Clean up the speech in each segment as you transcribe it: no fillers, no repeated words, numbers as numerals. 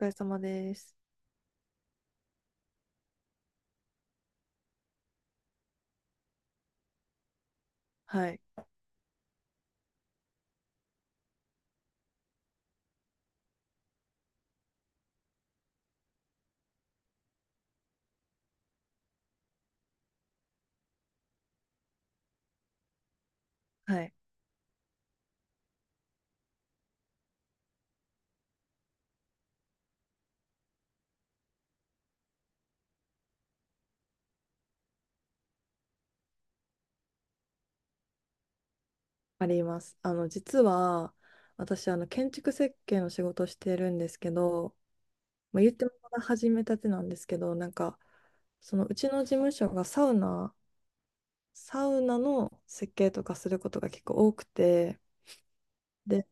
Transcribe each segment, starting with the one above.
お疲れ様です。はい。はい。あります。実は、私、建築設計の仕事をしてるんですけど、まあ、言ってもまだ始めたてなんですけど、なんか、その、うちの事務所がサウナの設計とかすることが結構多くて、で、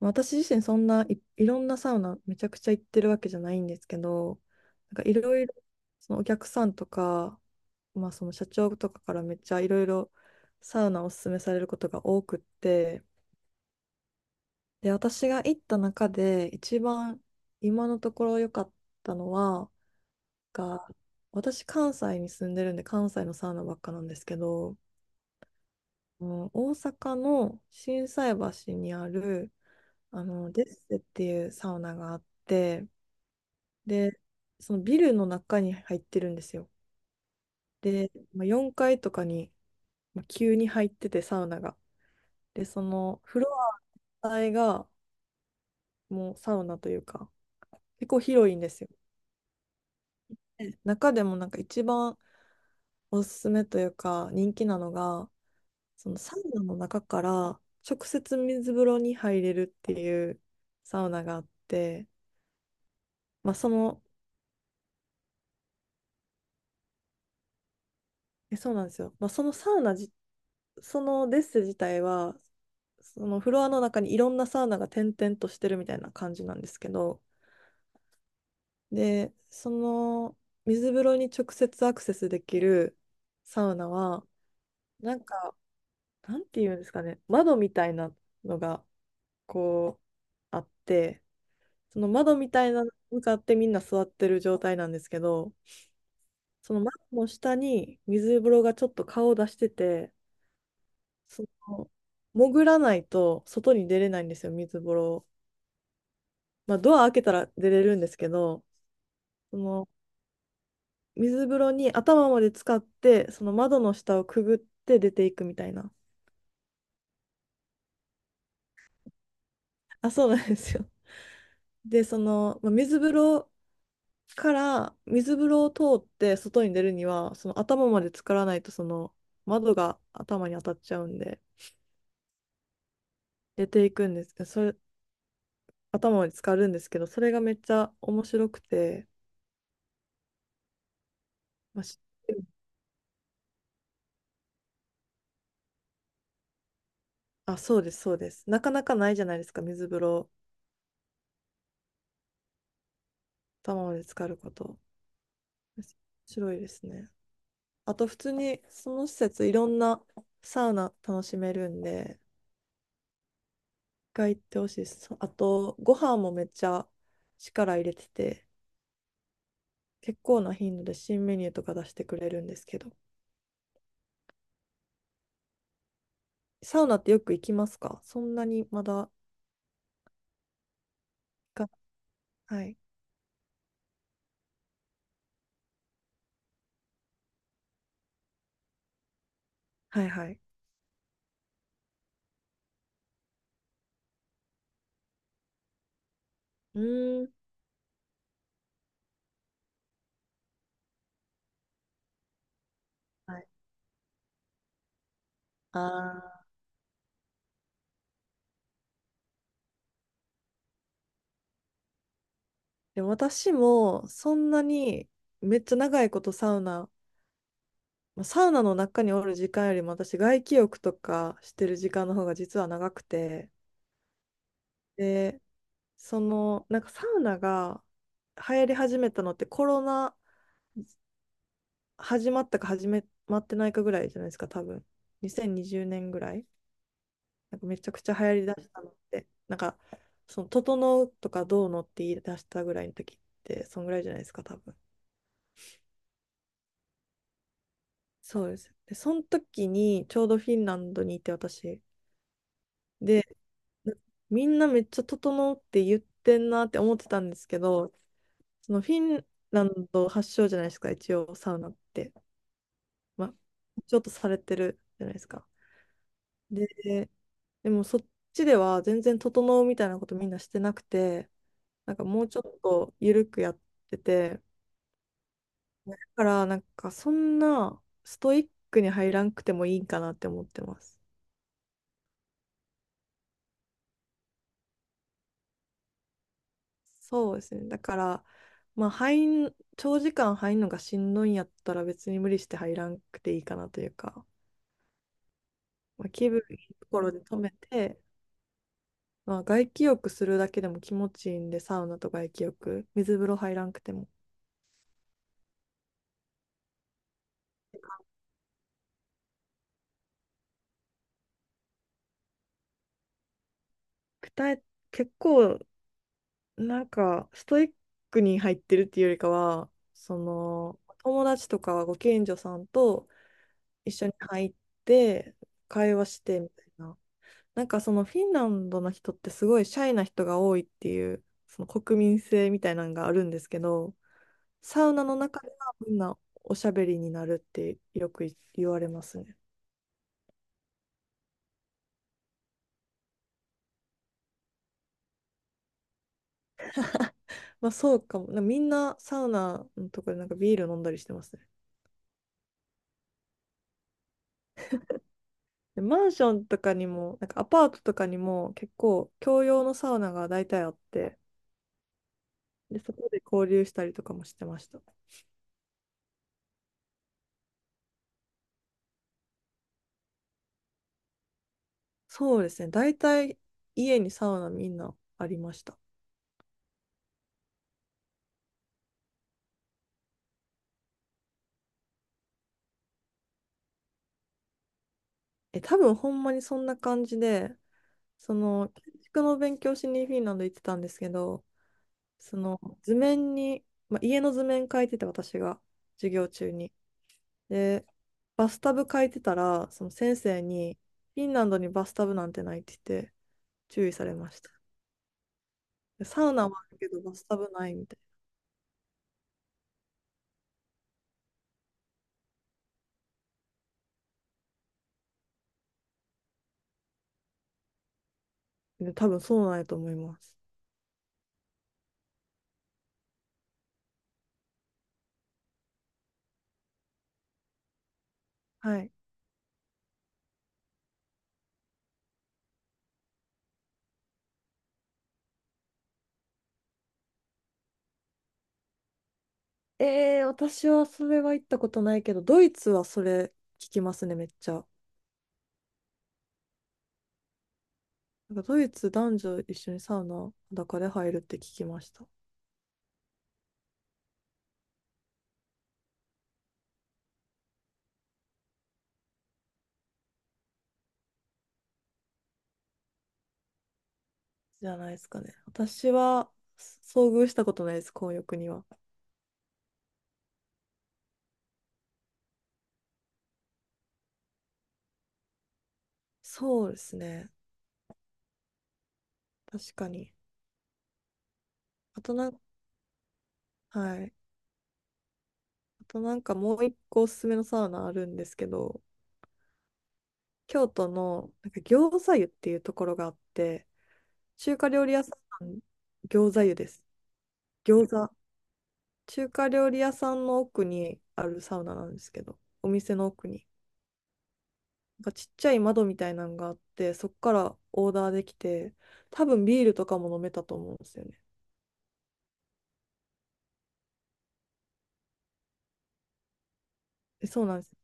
まあ私自身そんないいろんなサウナめちゃくちゃ行ってるわけじゃないんですけど、なんかいろいろそのお客さんとか、まあその社長とかからめっちゃいろいろサウナをおすすめされることが多くって、で、私が行った中で一番今のところ良かったのは、が私関西に住んでるんで関西のサウナばっかなんですけど、うん、大阪の心斎橋にあるあのデッセっていうサウナがあって、で、そのビルの中に入ってるんですよ。で、まあ、4階とかに、まあ、急に入ってて、サウナが。で、そのフロア全体がもうサウナというか、結構広いんですよ。で中でもなんか一番おすすめというか、人気なのが、そのサウナの中から直接水風呂に入れるっていうサウナがあって、まあ、その、えそうなんですよ。まあ、そのサウナ自そのデッセ自体は、そのフロアの中にいろんなサウナが点々としてるみたいな感じなんですけど、で、その水風呂に直接アクセスできるサウナは、なんか、なんていうんですかね、窓みたいなのがこうあって、その窓みたいなのに向かってみんな座ってる状態なんですけど、その窓の下に水風呂がちょっと顔を出してて、その潜らないと外に出れないんですよ、水風呂。まあ、ドア開けたら出れるんですけど、その水風呂に頭まで浸かって、その窓の下をくぐって出ていくみたいな。あ、そうなんですよ。で、その、まあ、水風呂を通って外に出るには、その頭まで浸からないと、その窓が頭に当たっちゃうんで、出ていくんですけど、それ、頭まで浸かるんですけど、それがめっちゃ面白くて、まあ、しあ、そうです、そうです。なかなかないじゃないですか、水風呂、頭まで浸かること。面白いですね。あと普通にその施設いろんなサウナ楽しめるんで、一回行ってほしいです。あとご飯もめっちゃ力入れてて、結構な頻度で新メニューとか出してくれるんですけど、サウナってよく行きますか？そんなにまだか、はい、はいはい。うーん。はい。ああ。でも私もそんなにめっちゃ長いことサウナ、まあサウナの中におる時間よりも私外気浴とかしてる時間の方が実は長くて、でそのなんかサウナが流行り始めたのってコロナ始まったか始めまってないかぐらいじゃないですか、多分2020年ぐらい。なんかめちゃくちゃ流行りだしたのってなんかその「整う」とか「どうの」って言い出したぐらいの時ってそんぐらいじゃないですか、多分。そうです。でその時にちょうどフィンランドにいて私、でみんなめっちゃ整って言ってんなって思ってたんですけど、そのフィンランド発祥じゃないですか、一応サウナって。まあ、ちょっとされてるじゃないですか。で、でもそっちでは全然整うみたいなことみんなしてなくて、なんかもうちょっと緩くやってて、だからなんかそんなストイックに入らんくてもいいんかなって思ってます。そうですね。だから、まあ、長時間入るのがしんどいんやったら別に無理して入らんくていいかなというか、まあ、気分いいところで止めて、まあ、外気浴するだけでも気持ちいいんで、サウナと外気浴、水風呂入らんくても。くえ、結構、なんか、ストイックに入ってるっていうよりかは、その、友達とかご近所さんと一緒に入って、会話してみたいな。なんかそのフィンランドの人ってすごいシャイな人が多いっていうその国民性みたいなのがあるんですけど、サウナの中ではみんなおしゃべりになるってよく言われますね。まあそうかも。なみんなサウナのとこでなんかビール飲んだりしてますね。でマンションとかにも、なんかアパートとかにも結構共用のサウナが大体あって、で、そこで交流したりとかもしてました。そうですね。大体家にサウナみんなありました。え、多分ほんまにそんな感じで、その、建築の勉強しにフィンランド行ってたんですけど、その図面に、まあ、家の図面描いてて私が授業中に。で、バスタブ描いてたら、その先生に、フィンランドにバスタブなんてないって言って注意されました。でサウナはあるけどバスタブないみたいな。で、多分そうなんやと思います。はい。えー、私はそれは行ったことないけど、ドイツはそれ聞きますね、めっちゃ。なんかドイツ男女一緒にサウナ裸で入るって聞きました。じゃないですかね。私は遭遇したことないです、混浴には。そうですね。確かに。あとなん、はい。あとなんかもう一個おすすめのサウナあるんですけど、京都のなんか餃子湯っていうところがあって、中華料理屋さん、餃子湯です。餃子。中華料理屋さんの奥にあるサウナなんですけど、お店の奥に。なんかちっちゃい窓みたいなのがあって、そこからオーダーできて、多分ビールとかも飲めたと思うんですよね。えそうなんです。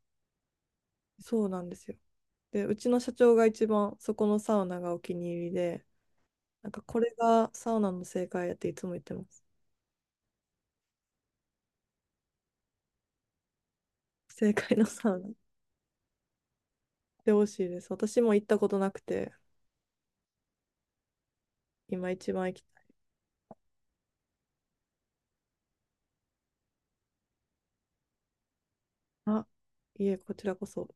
そうなんですよ。で、うちの社長が一番そこのサウナがお気に入りで、なんかこれがサウナの正解やっていつも言ってます。正解のサウナ。ってほしいです。私も行ったことなくて、今一番行きたい。あ、いえ、こちらこそ。